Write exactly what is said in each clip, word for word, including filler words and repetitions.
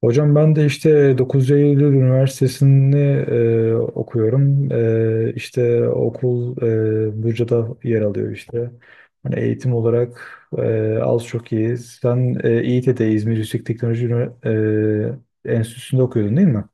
Hocam ben de işte dokuz Eylül Üniversitesi'ni e, okuyorum. E, işte okul e, Buca'da yer alıyor işte. Hani eğitim olarak e, az çok iyiyiz. Sen e, İİTE'de, İzmir Yüksek Teknoloji Ünivers- e, Enstitüsü'nde okuyordun değil mi?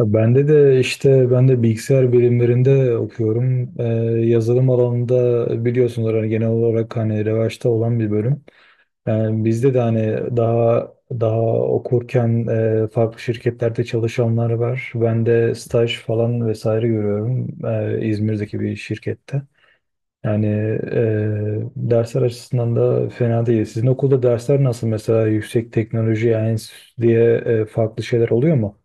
Ya, Bende de işte ben de bilgisayar bilimlerinde okuyorum. E, yazılım alanında biliyorsunuz, hani genel olarak hani revaçta olan bir bölüm. Yani bizde de hani daha daha okurken e, farklı şirketlerde çalışanlar var. Ben de staj falan vesaire görüyorum e, İzmir'deki bir şirkette. Yani e, dersler açısından da fena değil. Sizin okulda dersler nasıl? Mesela yüksek teknoloji, yani enstitü diye e, farklı şeyler oluyor mu?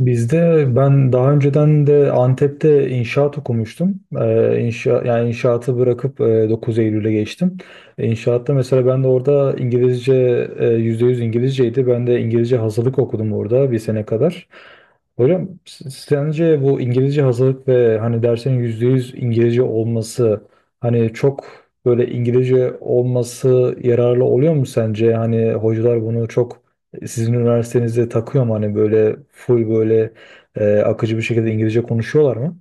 Bizde ben daha önceden de Antep'te inşaat okumuştum. Ee, inşa, yani inşaatı bırakıp e, dokuz Eylül'e geçtim. E, İnşaatta mesela ben de orada İngilizce, e, yüzde yüz İngilizceydi. Ben de İngilizce hazırlık okudum orada bir sene kadar. Hocam s- sence bu İngilizce hazırlık ve hani dersin yüzde yüz İngilizce olması, hani çok böyle İngilizce olması yararlı oluyor mu sence? Hani hocalar bunu çok, e, sizin üniversitenizde takıyor mu, hani böyle full böyle e, akıcı bir şekilde İngilizce konuşuyorlar mı?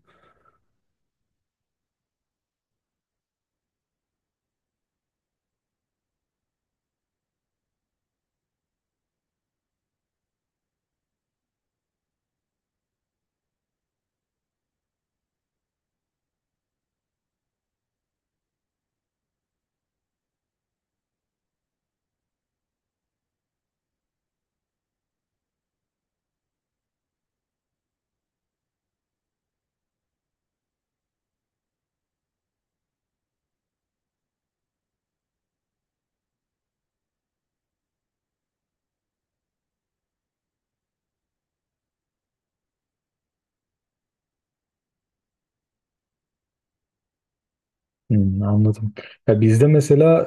Hmm, anladım. Ya bizde mesela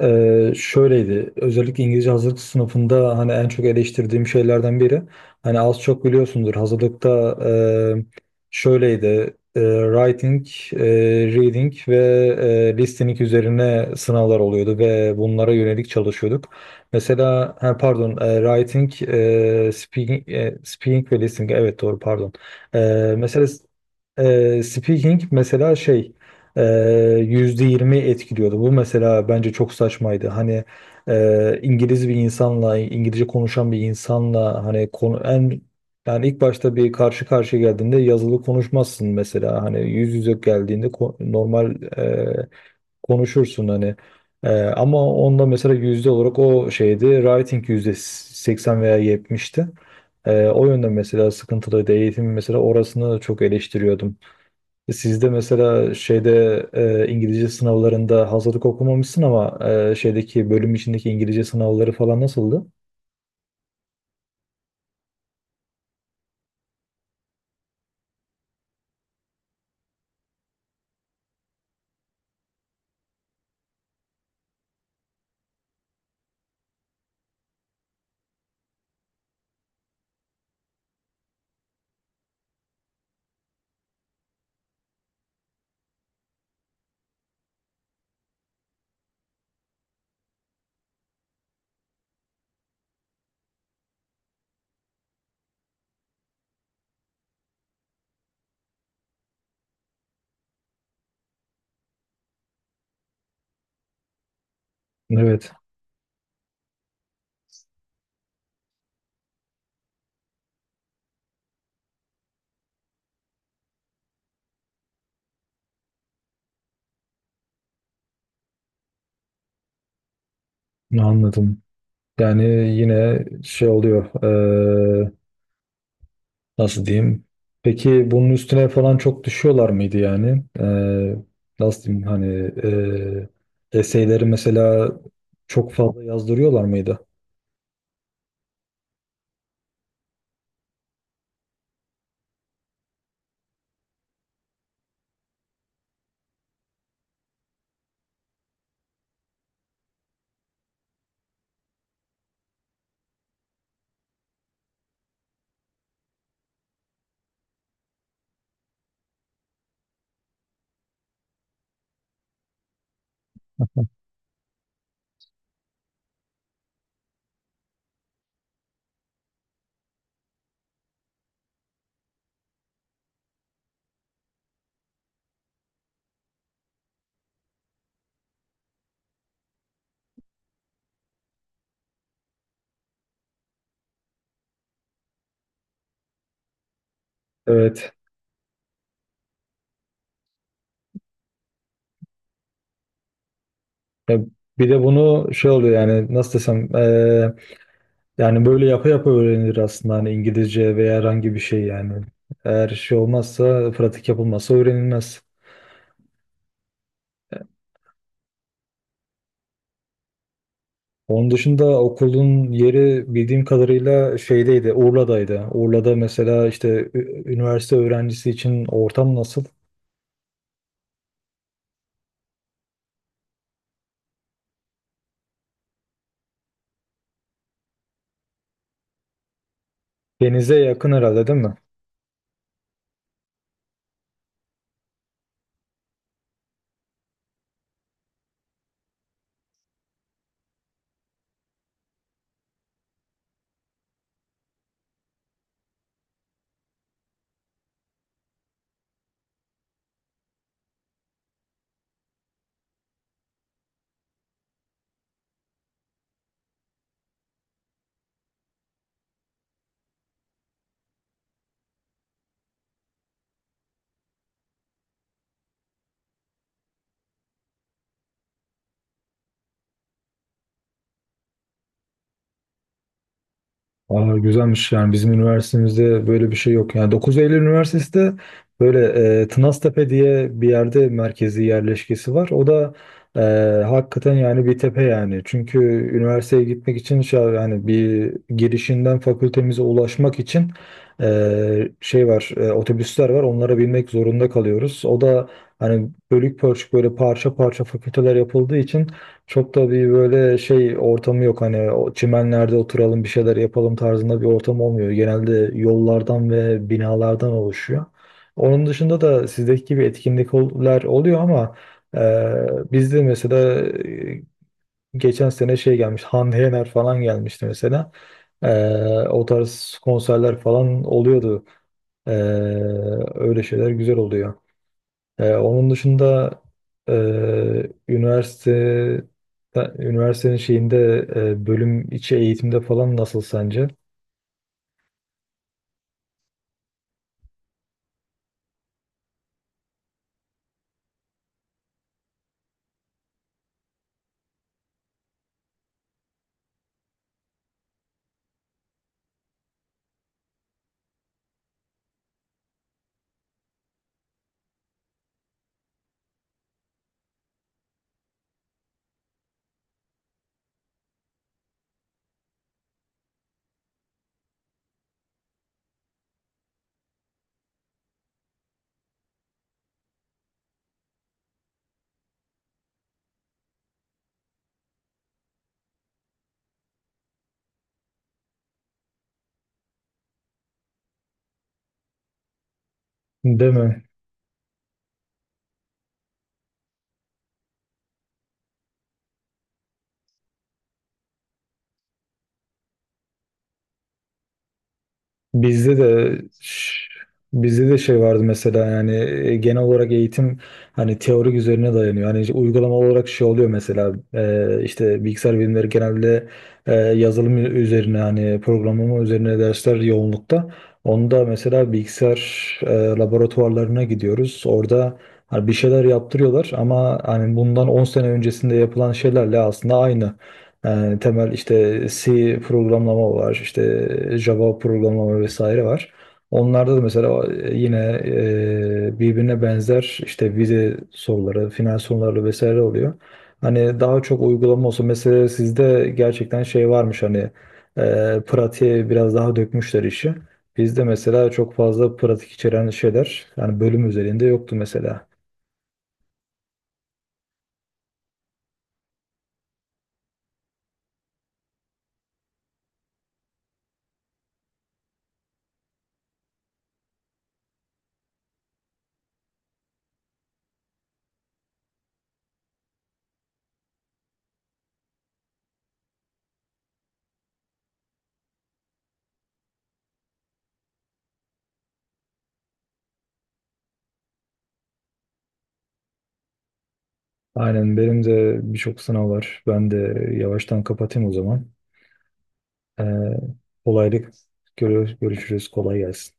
e, şöyleydi. Özellikle İngilizce hazırlık sınıfında, hani en çok eleştirdiğim şeylerden biri. Hani az çok biliyorsundur hazırlıkta e, şöyleydi. E, writing, e, reading ve e, listening üzerine sınavlar oluyordu ve bunlara yönelik çalışıyorduk. Mesela ha, pardon, e, writing, e, speaking, e, speaking ve listening, evet doğru pardon. E, Mesela e, speaking mesela şey e, yüzde yirmi etkiliyordu. Bu mesela bence çok saçmaydı. Hani e, İngiliz bir insanla, İngilizce konuşan bir insanla hani konu, en, yani ilk başta bir, karşı karşıya geldiğinde yazılı konuşmazsın mesela. Hani yüz yüze geldiğinde ko- normal e, konuşursun hani. Ee, ama onda mesela yüzde olarak o şeydi, writing yüzde seksen veya yetmişti. Ee, o yönden mesela sıkıntılıydı. Eğitim mesela, orasını çok eleştiriyordum. Sizde mesela şeyde, e, İngilizce sınavlarında hazırlık okumamışsın ama e, şeydeki bölüm içindeki İngilizce sınavları falan nasıldı? Evet, anladım. Yani yine şey oluyor. e, Nasıl diyeyim? Peki bunun üstüne falan çok düşüyorlar mıydı yani? E, nasıl diyeyim hani, e, eseyleri mesela çok fazla yazdırıyorlar mıydı? Evet. E, Bir de bunu şey oluyor, yani nasıl desem? e, Yani böyle yapa yapa öğrenilir aslında, hani İngilizce veya herhangi bir şey yani. Eğer şey olmazsa, pratik yapılmazsa öğrenilmez. Onun dışında, okulun yeri bildiğim kadarıyla şeydeydi, Urla'daydı. Urla'da mesela işte ü- üniversite öğrencisi için ortam nasıl? Denize yakın herhalde, değil mi? Aa, güzelmiş. Yani bizim üniversitemizde böyle bir şey yok. Yani Dokuz Eylül Üniversitesi de böyle, e, Tınaztepe diye bir yerde merkezi yerleşkesi var. O da e, hakikaten yani bir tepe yani. Çünkü üniversiteye gitmek için şey, yani bir girişinden fakültemize ulaşmak için e, şey var, e, otobüsler var, onlara binmek zorunda kalıyoruz. O da hani bölük pörçük, böyle parça parça fakülteler yapıldığı için çok da bir böyle şey ortamı yok, hani o çimenlerde oturalım bir şeyler yapalım tarzında bir ortam olmuyor. Genelde yollardan ve binalardan oluşuyor. Onun dışında da sizdeki gibi etkinlikler oluyor ama e, bizde mesela, e, geçen sene şey gelmiş, Hande Yener falan gelmişti mesela. E, O tarz konserler falan oluyordu. E, Öyle şeyler güzel oluyor. Ee, onun dışında, e, üniversite üniversitenin şeyinde, e, bölüm içi eğitimde falan nasıl sence? Değil mi? Bizde de bizde de şey vardı mesela, yani e, genel olarak eğitim hani teorik üzerine dayanıyor. Hani işte uygulama olarak şey oluyor mesela, e, işte bilgisayar bilimleri genelde e, yazılım üzerine, hani programlama üzerine dersler yoğunlukta. Onda mesela bilgisayar e, laboratuvarlarına gidiyoruz. Orada hani bir şeyler yaptırıyorlar ama hani bundan on sene öncesinde yapılan şeylerle aslında aynı. Yani temel işte C programlama var, işte Java programlama vesaire var. Onlarda da mesela e, yine e, birbirine benzer işte vize soruları, final soruları vesaire oluyor. Hani daha çok uygulama olsa, mesela sizde gerçekten şey varmış, hani e, pratiğe biraz daha dökmüşler işi. Bizde mesela çok fazla pratik içeren şeyler yani bölüm üzerinde yoktu mesela. Aynen, benim de birçok sınav var. Ben de yavaştan kapatayım o zaman. Ee, kolaylık görüyoruz, görüşürüz. Kolay gelsin.